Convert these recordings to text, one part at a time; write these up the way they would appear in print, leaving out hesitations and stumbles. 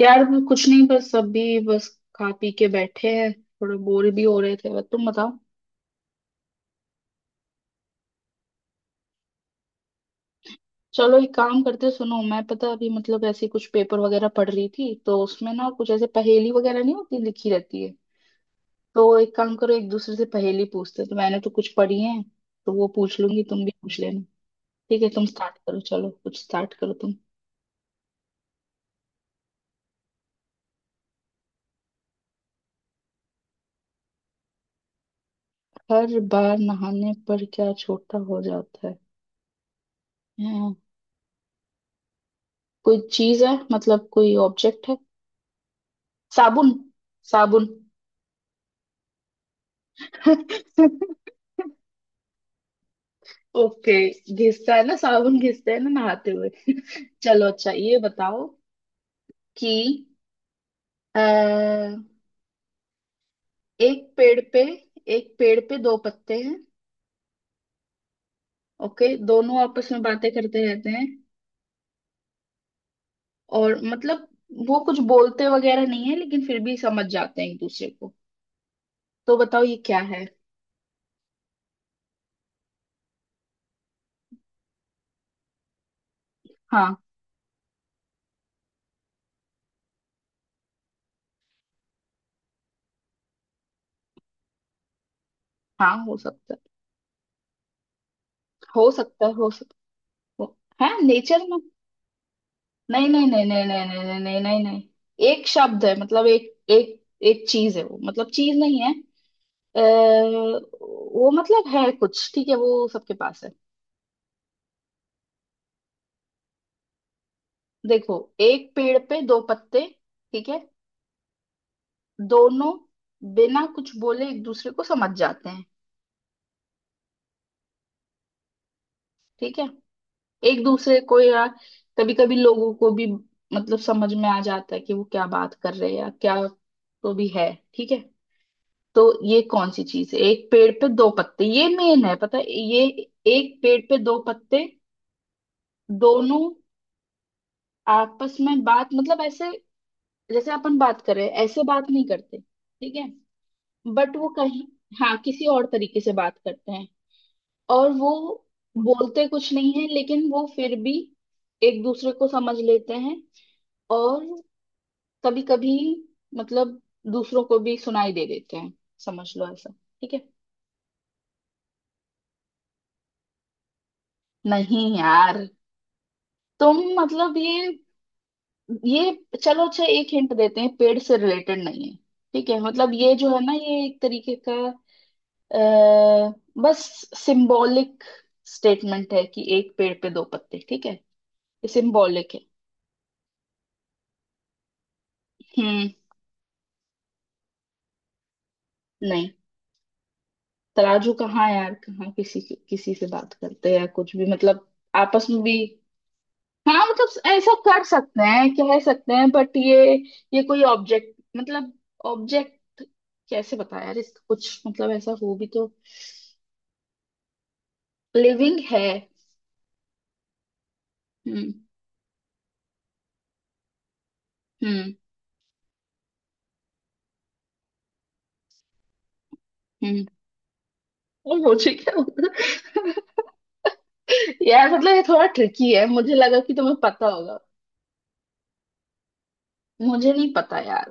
यार वो कुछ नहीं बस अभी बस खा पी के बैठे हैं। थोड़े बोर भी हो रहे थे, बस तुम बताओ। चलो एक काम करते हैं, सुनो, मैं पता अभी मतलब ऐसे कुछ पेपर वगैरह पढ़ रही थी तो उसमें ना कुछ ऐसे पहेली वगैरह नहीं होती लिखी रहती है। तो एक काम करो, एक दूसरे से पहेली पूछते हैं, तो मैंने तो कुछ पढ़ी है। तो वो पूछ लूंगी, तुम भी पूछ लेना। ठीक है, तुम स्टार्ट करो, चलो कुछ स्टार्ट करो तुम। हर बार नहाने पर क्या छोटा हो जाता है? हैं, कोई चीज है मतलब कोई ऑब्जेक्ट है? साबुन। साबुन। ओके। घिसता है ना साबुन, घिसते हैं ना नहाते हुए। चलो अच्छा ये बताओ कि आ, एक पेड़ पे एक पेड़ पे दो पत्ते हैं। ओके, दोनों आपस में बातें करते रहते हैं और मतलब वो कुछ बोलते वगैरह नहीं है लेकिन फिर भी समझ जाते हैं एक दूसरे को। तो बताओ ये क्या है। हाँ हाँ हो सकता है। हो सकता है। हो सकता है नेचर में। नहीं नहीं नहीं नहीं नहीं नहीं नहीं नहीं नहीं नहीं। एक शब्द है मतलब एक एक एक चीज है वो, मतलब चीज नहीं है। वो मतलब है कुछ, ठीक है, वो सबके पास है। देखो, एक पेड़ पे दो पत्ते, ठीक है। दोनों बिना कुछ बोले एक दूसरे को समझ जाते हैं, ठीक है। एक दूसरे को, या कभी कभी लोगों को भी मतलब समझ में आ जाता है कि वो क्या बात कर रहे हैं या क्या, तो भी है, ठीक है। तो ये कौन सी चीज है? एक पेड़ पे दो पत्ते, ये मेन है, पता है ये। एक पेड़ पे दो पत्ते, दोनों आपस में बात मतलब ऐसे जैसे अपन बात कर रहे हैं, ऐसे बात नहीं करते, ठीक है। बट वो कहीं, हाँ किसी और तरीके से बात करते हैं। और वो बोलते कुछ नहीं है लेकिन वो फिर भी एक दूसरे को समझ लेते हैं। और कभी कभी मतलब दूसरों को भी सुनाई दे देते हैं, समझ लो ऐसा, ठीक है। नहीं यार, तुम मतलब ये, चलो अच्छा एक हिंट देते हैं, पेड़ से रिलेटेड नहीं है। ठीक है, मतलब ये जो है ना, ये एक तरीके का आ, बस सिंबॉलिक स्टेटमेंट है कि एक पेड़ पे दो पत्ते, ठीक है। ये सिंबॉलिक है। हम्म। नहीं, तराजू कहाँ है यार, कहाँ किसी किसी से बात करते हैं या कुछ भी मतलब। आपस में भी। हाँ मतलब ऐसा कर सकते हैं, कह सकते हैं, बट ये। ये कोई ऑब्जेक्ट मतलब ऑब्जेक्ट कैसे बताया यार, इसका कुछ मतलब ऐसा हो भी तो। लिविंग है। हम्म हम्म हम्म। और मुझे क्या? यार मतलब ये थोड़ा ट्रिकी है, मुझे लगा कि तुम्हें पता होगा। मुझे नहीं पता यार।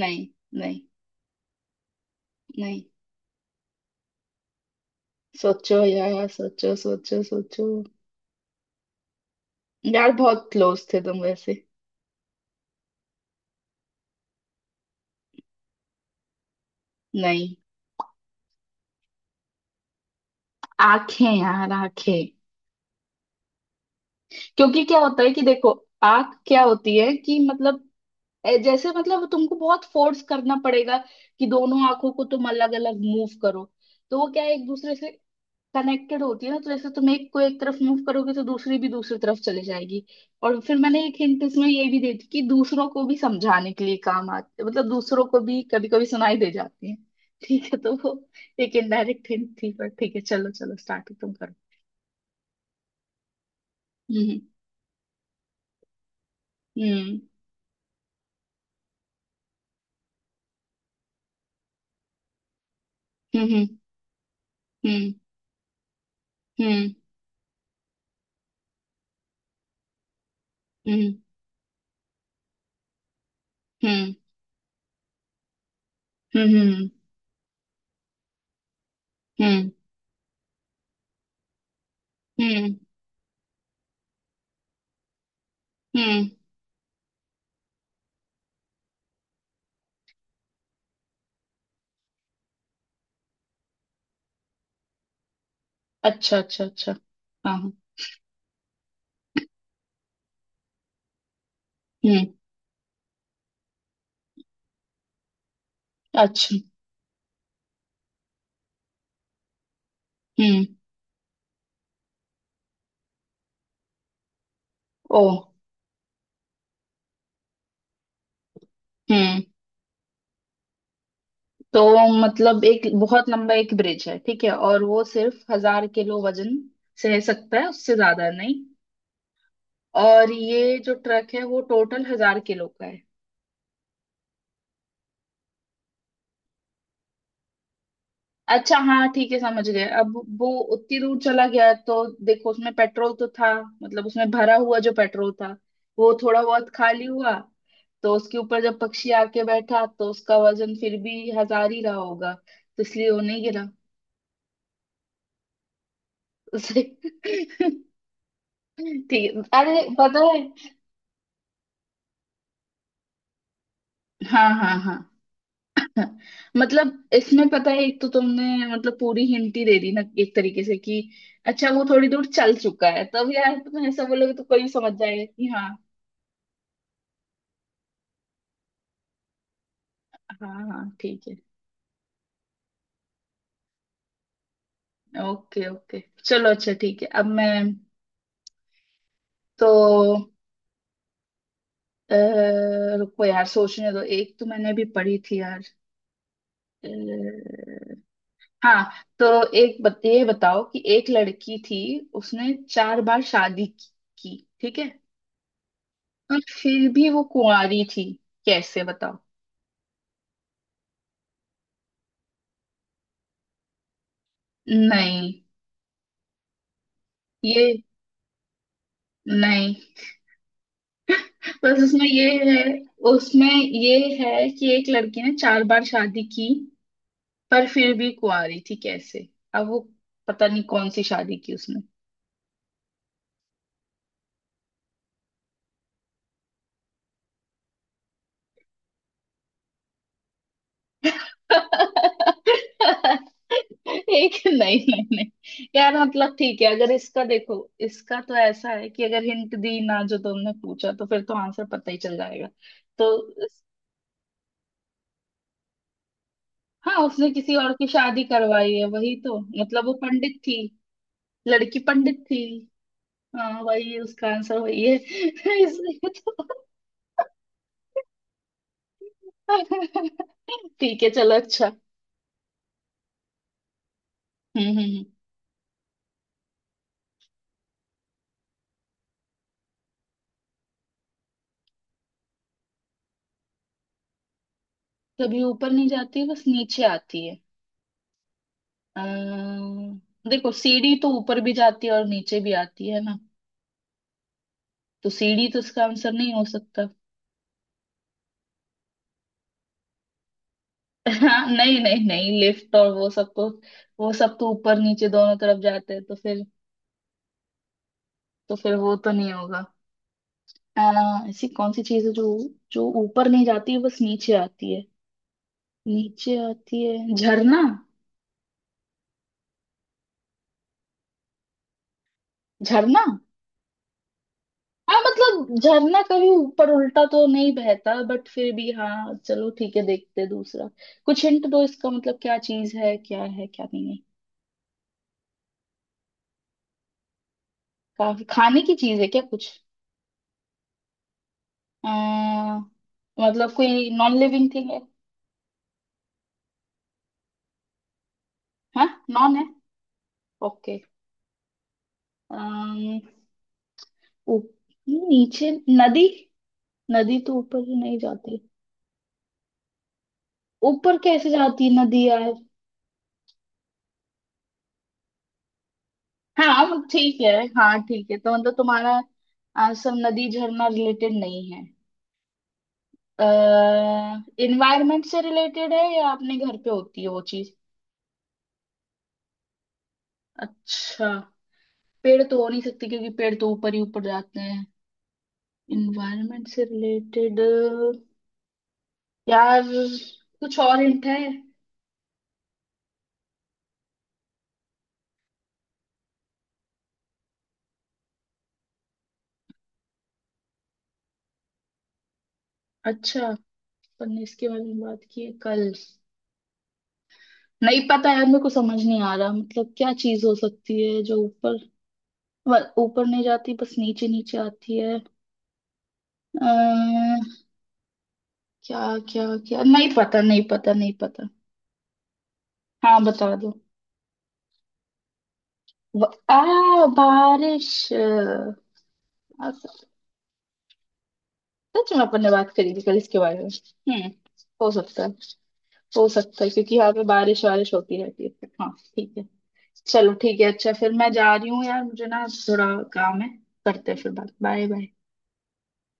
नहीं नहीं नहीं। सोचो यार, सोचो सोचो सोचो। यार बहुत क्लोज थे तुम वैसे। नहीं, आंखें यार, आंखें। क्योंकि क्या होता है कि देखो, आंख क्या होती है कि मतलब जैसे, मतलब तुमको बहुत फोर्स करना पड़ेगा कि दोनों आंखों को तुम अलग अलग मूव करो। तो वो क्या है, एक दूसरे से कनेक्टेड होती है ना, तो जैसे तुम एक को एक तरफ मूव करोगे तो दूसरी भी दूसरी तरफ चली जाएगी। और फिर मैंने एक हिंट इसमें ये भी दी थी कि दूसरों को भी समझाने के लिए काम आते, मतलब दूसरों को भी कभी कभी सुनाई दे जाती है। ठीक है, तो वो एक इनडायरेक्ट हिंट थी, पर ठीक है, चलो चलो स्टार्ट तुम करो। हम्म। हम्म। हम्म। हम्म। हम्म। हम्म। हम्म। हम्म। हम्म। हम्म। हम्म। हम्म। अच्छा अच्छा अच्छा। हाँ हाँ। हम्म। अच्छा। हम्म। ओ। हम्म। तो मतलब एक बहुत लंबा एक ब्रिज है, ठीक है, और वो सिर्फ 1000 किलो वजन सह सकता है, उससे ज्यादा नहीं। और ये जो ट्रक है वो टोटल 1000 किलो का है। अच्छा, हाँ ठीक है, समझ गए अब। वो उतनी दूर चला गया तो देखो उसमें पेट्रोल तो था, मतलब उसमें भरा हुआ जो पेट्रोल था वो थोड़ा बहुत खाली हुआ। तो उसके ऊपर जब पक्षी आके बैठा तो उसका वजन फिर भी 1000 ही रहा होगा, तो इसलिए वो नहीं गिरा उसे। ठीक है, अरे पता है। हाँ हाँ हाँ हाँ। मतलब इसमें पता है, एक तो तुमने मतलब पूरी हिंट ही दे दी ना एक तरीके से कि अच्छा वो थोड़ी दूर चल चुका है, तब यार तुम ऐसा बोलोगे तो कोई समझ जाएगा कि हाँ। हाँ हाँ ठीक है। ओके ओके, चलो अच्छा ठीक है, अब मैं तो अ, रुको यार सोचने दो, एक तो मैंने भी पढ़ी थी यार। अ, हाँ, तो एक ये बताओ कि एक लड़की थी, उसने चार बार शादी की, ठीक है। पर फिर भी वो कुंवारी थी, कैसे बताओ। नहीं, ये नहीं, बस उसमें ये है, उसमें ये है कि एक लड़की ने चार बार शादी की, पर फिर भी कुंवारी थी कैसे? अब वो पता नहीं कौन सी शादी की उसने। एक, नहीं नहीं नहीं। यार मतलब ठीक है, अगर इसका देखो, इसका तो ऐसा है कि अगर हिंट दी ना जो तुमने पूछा तो फिर तो आंसर पता ही चल जाएगा। तो हाँ, उसने किसी और की शादी करवाई है, वही तो मतलब, वो पंडित थी, लड़की पंडित थी। हाँ वही उसका आंसर वही है। इसलिए तो। ठीक है चलो अच्छा। हम्म हम्म हम्म। कभी ऊपर नहीं जाती, बस नीचे आती है। अम्म, देखो, सीढ़ी तो ऊपर भी जाती है और नीचे भी आती है ना, तो सीढ़ी तो इसका आंसर नहीं हो सकता। हाँ नहीं नहीं नहीं, लिफ्ट और वो सब तो, वो सब तो ऊपर नीचे दोनों तरफ जाते हैं, तो फिर, तो फिर वो तो नहीं होगा। आ, ऐसी कौन सी चीज है जो, जो ऊपर नहीं जाती है बस नीचे आती है? नीचे आती है, झरना। झरना। हाँ, मतलब झरना कभी ऊपर उल्टा तो नहीं बहता, बट फिर भी, हाँ चलो ठीक है, देखते हैं दूसरा। कुछ हिंट दो इसका, मतलब क्या चीज है, क्या है क्या नहीं है, काफी खाने की चीज है क्या, कुछ? आ, मतलब कोई नॉन लिविंग थिंग है? हाँ, नॉन है, ओके। अम्म ऊप- नीचे, नदी। नदी तो ऊपर ही नहीं जाती। ऊपर कैसे जाती है नदी यार। हाँ वो ठीक है। हाँ ठीक है, तो मतलब तुम्हारा आंसर नदी झरना रिलेटेड नहीं है। अः इन्वायरमेंट से रिलेटेड है, या अपने घर पे होती है वो चीज? अच्छा। पेड़ तो हो नहीं सकते क्योंकि पेड़ तो ऊपर ही ऊपर जाते हैं। इन्वायरमेंट से रिलेटेड। यार कुछ और हिंट है? अच्छा, अपन ने इसके बारे में बात की है कल? नहीं पता यार, मेरे को समझ नहीं आ रहा मतलब क्या चीज हो सकती है जो ऊपर, ऊपर नहीं जाती बस नीचे नीचे आती है। अः क्या? क्या क्या, नहीं पता नहीं पता नहीं पता। हाँ बता दो। आ बारिश। सच में अपन ने बात करी थी कल इसके बारे में। हम्म। हो सकता है। हो सकता है क्योंकि यहाँ पे बारिश वारिश होती रहती है, हाँ ठीक है। चलो ठीक है, अच्छा फिर मैं जा रही हूँ यार, मुझे ना थोड़ा काम है, करते हैं फिर बात, बाय बाय।